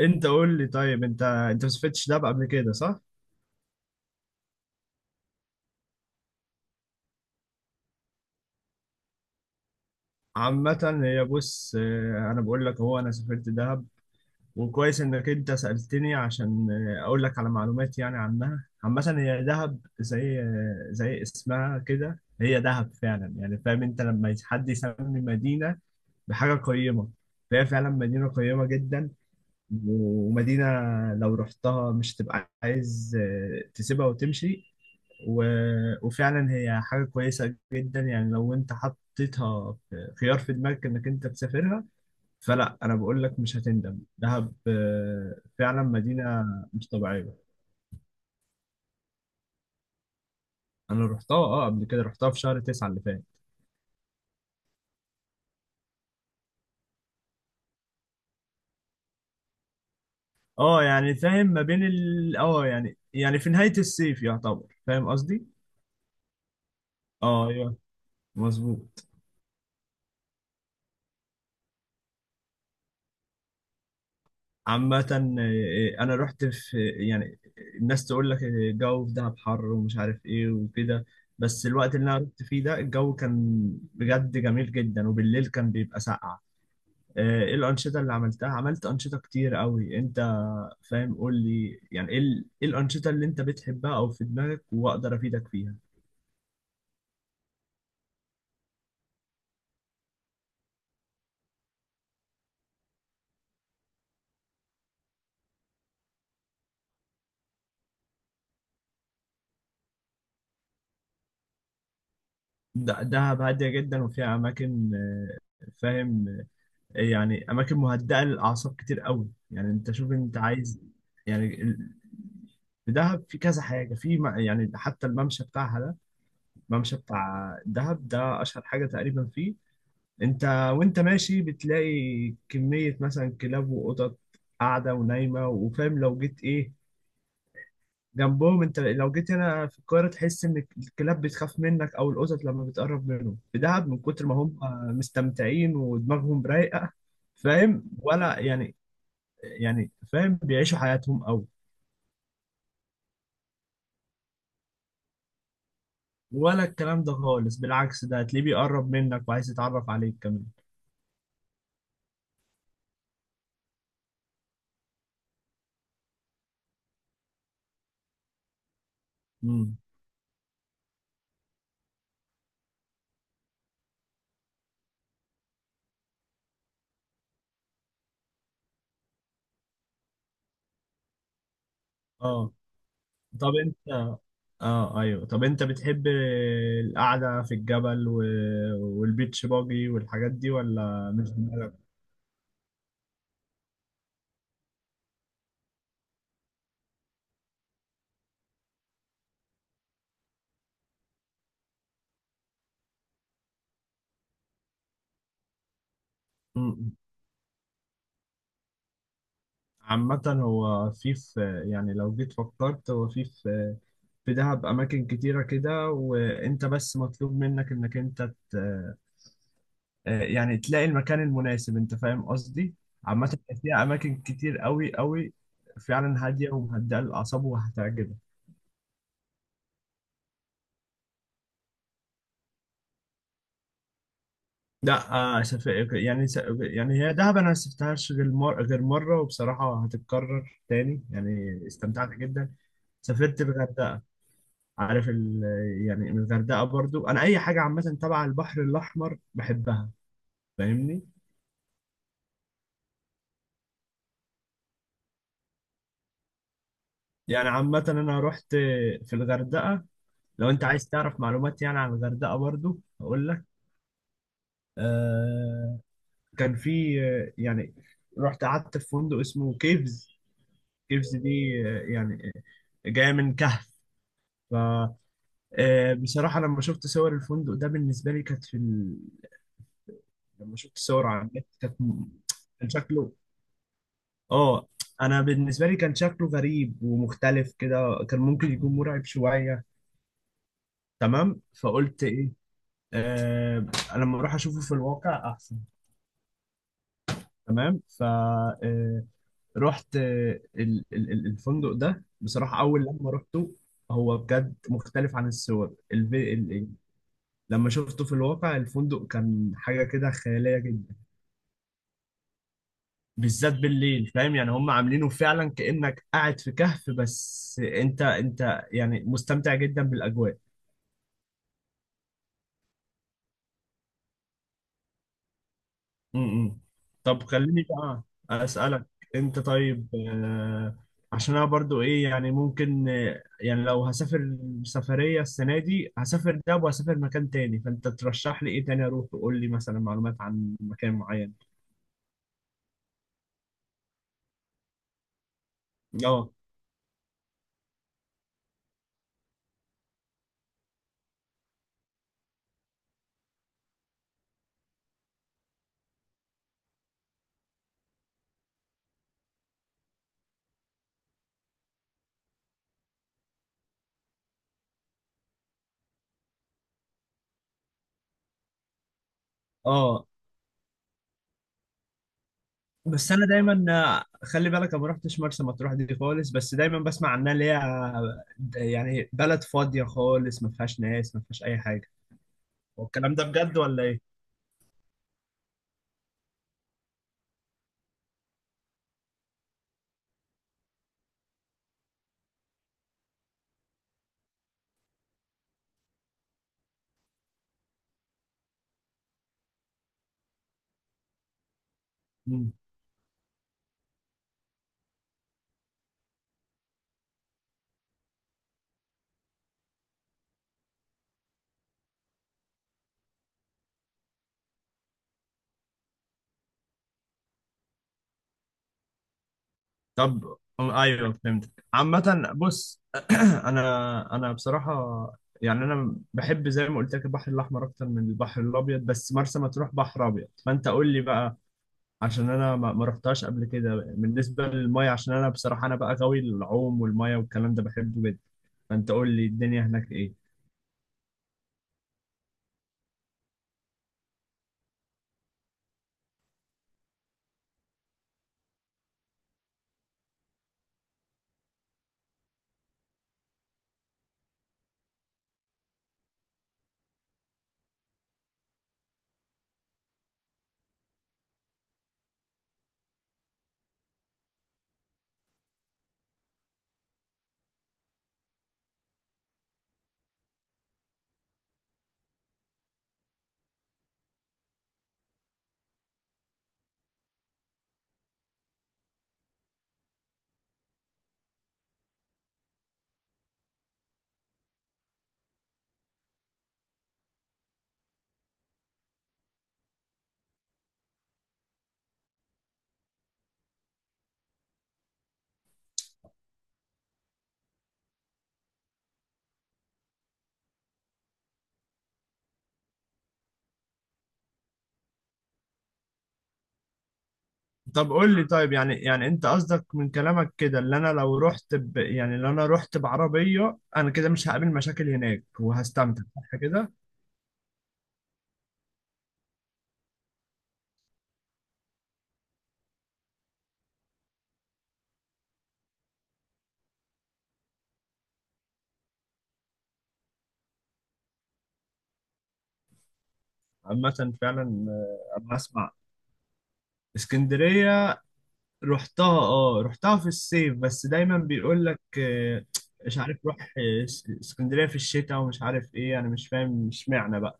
انت قول لي طيب، انت ما سافرتش دهب قبل كده، صح؟ عامة هي بص، انا بقول لك هو انا سافرت دهب. وكويس انك انت سألتني عشان اقول لك على معلومات يعني عنها. عامة هي دهب زي اسمها كده، هي دهب فعلا. يعني فاهم انت لما حد يسمي مدينة بحاجة قيمة، فهي فعلا مدينة قيمة جدا. ومدينة لو رحتها مش تبقى عايز تسيبها وتمشي. و... وفعلا هي حاجة كويسة جدا، يعني لو انت حطيتها في خيار في دماغك انك انت تسافرها. فلا، انا بقول لك مش هتندم، دهب فعلا مدينة مش طبيعية. انا رحتها، قبل كده، رحتها في شهر تسعة اللي فات. اه يعني فاهم، ما بين ال اه يعني في نهاية الصيف يعتبر، فاهم قصدي. اه، ايوه، مظبوط. عامة أنا رحت في، يعني، الناس تقول لك الجو في دهب حر ومش عارف إيه وكده، بس الوقت اللي أنا رحت فيه ده الجو كان بجد جميل جدا، وبالليل كان بيبقى ساقع. إيه الأنشطة اللي عملتها؟ عملت أنشطة كتير قوي. أنت فاهم، قول لي يعني إيه الأنشطة اللي أنت بتحبها أو في دماغك، وأقدر أفيدك فيها؟ دهب هادية جدا وفيها أماكن، فاهم، يعني اماكن مهدئه للاعصاب كتير قوي، يعني انت شوف انت عايز. يعني في دهب في كذا حاجه، في يعني حتى الممشى بتاعها ده. الممشى بتاع دهب ده اشهر حاجه تقريبا فيه. انت وانت ماشي بتلاقي كميه مثلا كلاب وقطط قاعده ونايمه، وفاهم لو جيت ايه جنبهم. انت لو جيت هنا في القاهره تحس ان الكلاب بتخاف منك او القطط لما بتقرب منهم، في دهب من كتر ما هم مستمتعين ودماغهم رايقه. فاهم ولا يعني، يعني فاهم بيعيشوا حياتهم قوي. ولا الكلام ده خالص، بالعكس ده هتلاقيه بيقرب منك وعايز يتعرف عليك كمان. امم. اه. طب انت اه ايوه، طب انت بتحب القعده في الجبل والبيتش باجي والحاجات دي، ولا مش دماغك؟ امم. عامة هو في يعني لو جيت فكرت، هو في دهب أماكن كتيرة كده، وأنت بس مطلوب منك إنك أنت يعني تلاقي المكان المناسب، انت فاهم قصدي. عامة فيها اماكن كتير قوي قوي، فعلا هادية ومهدئة للاعصاب وهتعجبك. لا، آه سف- يعني يعني هي دهب انا ما سافرتهاش غير غير مره، وبصراحه هتتكرر تاني يعني استمتعت جدا. سافرت الغردقه، عارف يعني الغردقه برضو انا اي حاجه عامه تبع البحر الاحمر بحبها، فاهمني. يعني عامه انا رحت في الغردقه. لو انت عايز تعرف معلومات يعني عن الغردقه برضو هقول لك. آه كان في يعني رحت قعدت في فندق اسمه كيفز. كيفز دي يعني جاية من كهف. ف آه، بصراحة لما شفت صور الفندق ده بالنسبة لي كانت في لما شفت صور على النت كانت م- كان شكله اه انا بالنسبة لي كان شكله غريب ومختلف كده، كان ممكن يكون مرعب شوية، تمام، فقلت ايه آه... لما اروح اشوفه في الواقع احسن. تمام ف آه، رحت الفندق ده بصراحة. أول لما رحته، هو بجد مختلف عن الصور. الفي لما شفته في الواقع الفندق كان حاجة كده خيالية جدا، بالذات بالليل. فاهم يعني هم عاملينه فعلا كأنك قاعد في كهف، بس أنت يعني مستمتع جدا بالأجواء. امم طب خليني بقى اسالك، انت طيب، عشان انا برضو ايه يعني ممكن يعني لو هسافر سفريه السنه دي، هسافر ده وهسافر مكان تاني، فانت ترشح لي ايه تاني اروح، وقول لي مثلا معلومات عن مكان معين. اه، اه. بس انا دايما خلي بالك انا ما رحتش مرسى مطروح دي خالص، بس دايما بسمع عنها اللي هي يعني بلد فاضيه خالص، ما فيهاش ناس، ما فيهاش اي حاجه. والكلام ده بجد ولا ايه؟ طب ايوه، فهمت. عامة بص، انا بصراحة، يعني انا بحب زي ما قلت لك البحر الاحمر اكتر من البحر الابيض، بس مرسى مطروح بحر ابيض، فانت قول لي بقى، عشان انا ما رحتهاش قبل كده. بالنسبة للمية، عشان انا بصراحة انا بقى غاوي العوم والمية والكلام ده بحبه جدا، فانت قول لي الدنيا هناك ايه. طب قول لي طيب، يعني انت قصدك من كلامك كده، اللي انا لو رحت يعني لو انا رحت بعربية، انا كده مش هقابل مشاكل هناك وهستمتع، صح كده؟ عامة فعلا، أما أسمع. اسكندرية رحتها في الصيف، بس دايما بيقول لك مش عارف، روح اسكندرية في الشتاء، ومش عارف ايه، أنا مش فاهم اشمعنى بقى.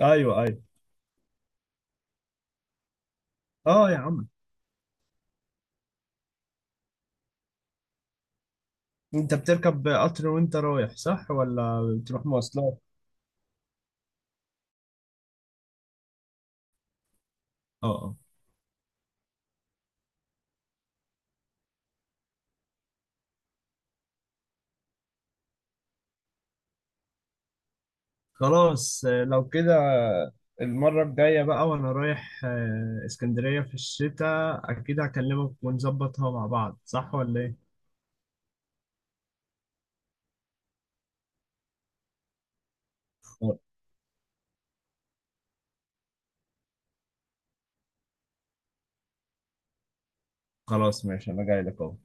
ايوه، ايوه. اه يا عم، انت بتركب قطر وانت رايح صح، ولا بتروح مواصلات؟ اه، اه. خلاص لو كده، المرة الجاية بقى وأنا رايح اسكندرية في الشتاء أكيد هكلمك ونظبطها مع بعض، صح ولا إيه؟ خلاص ماشي، أنا جاي لك أهو.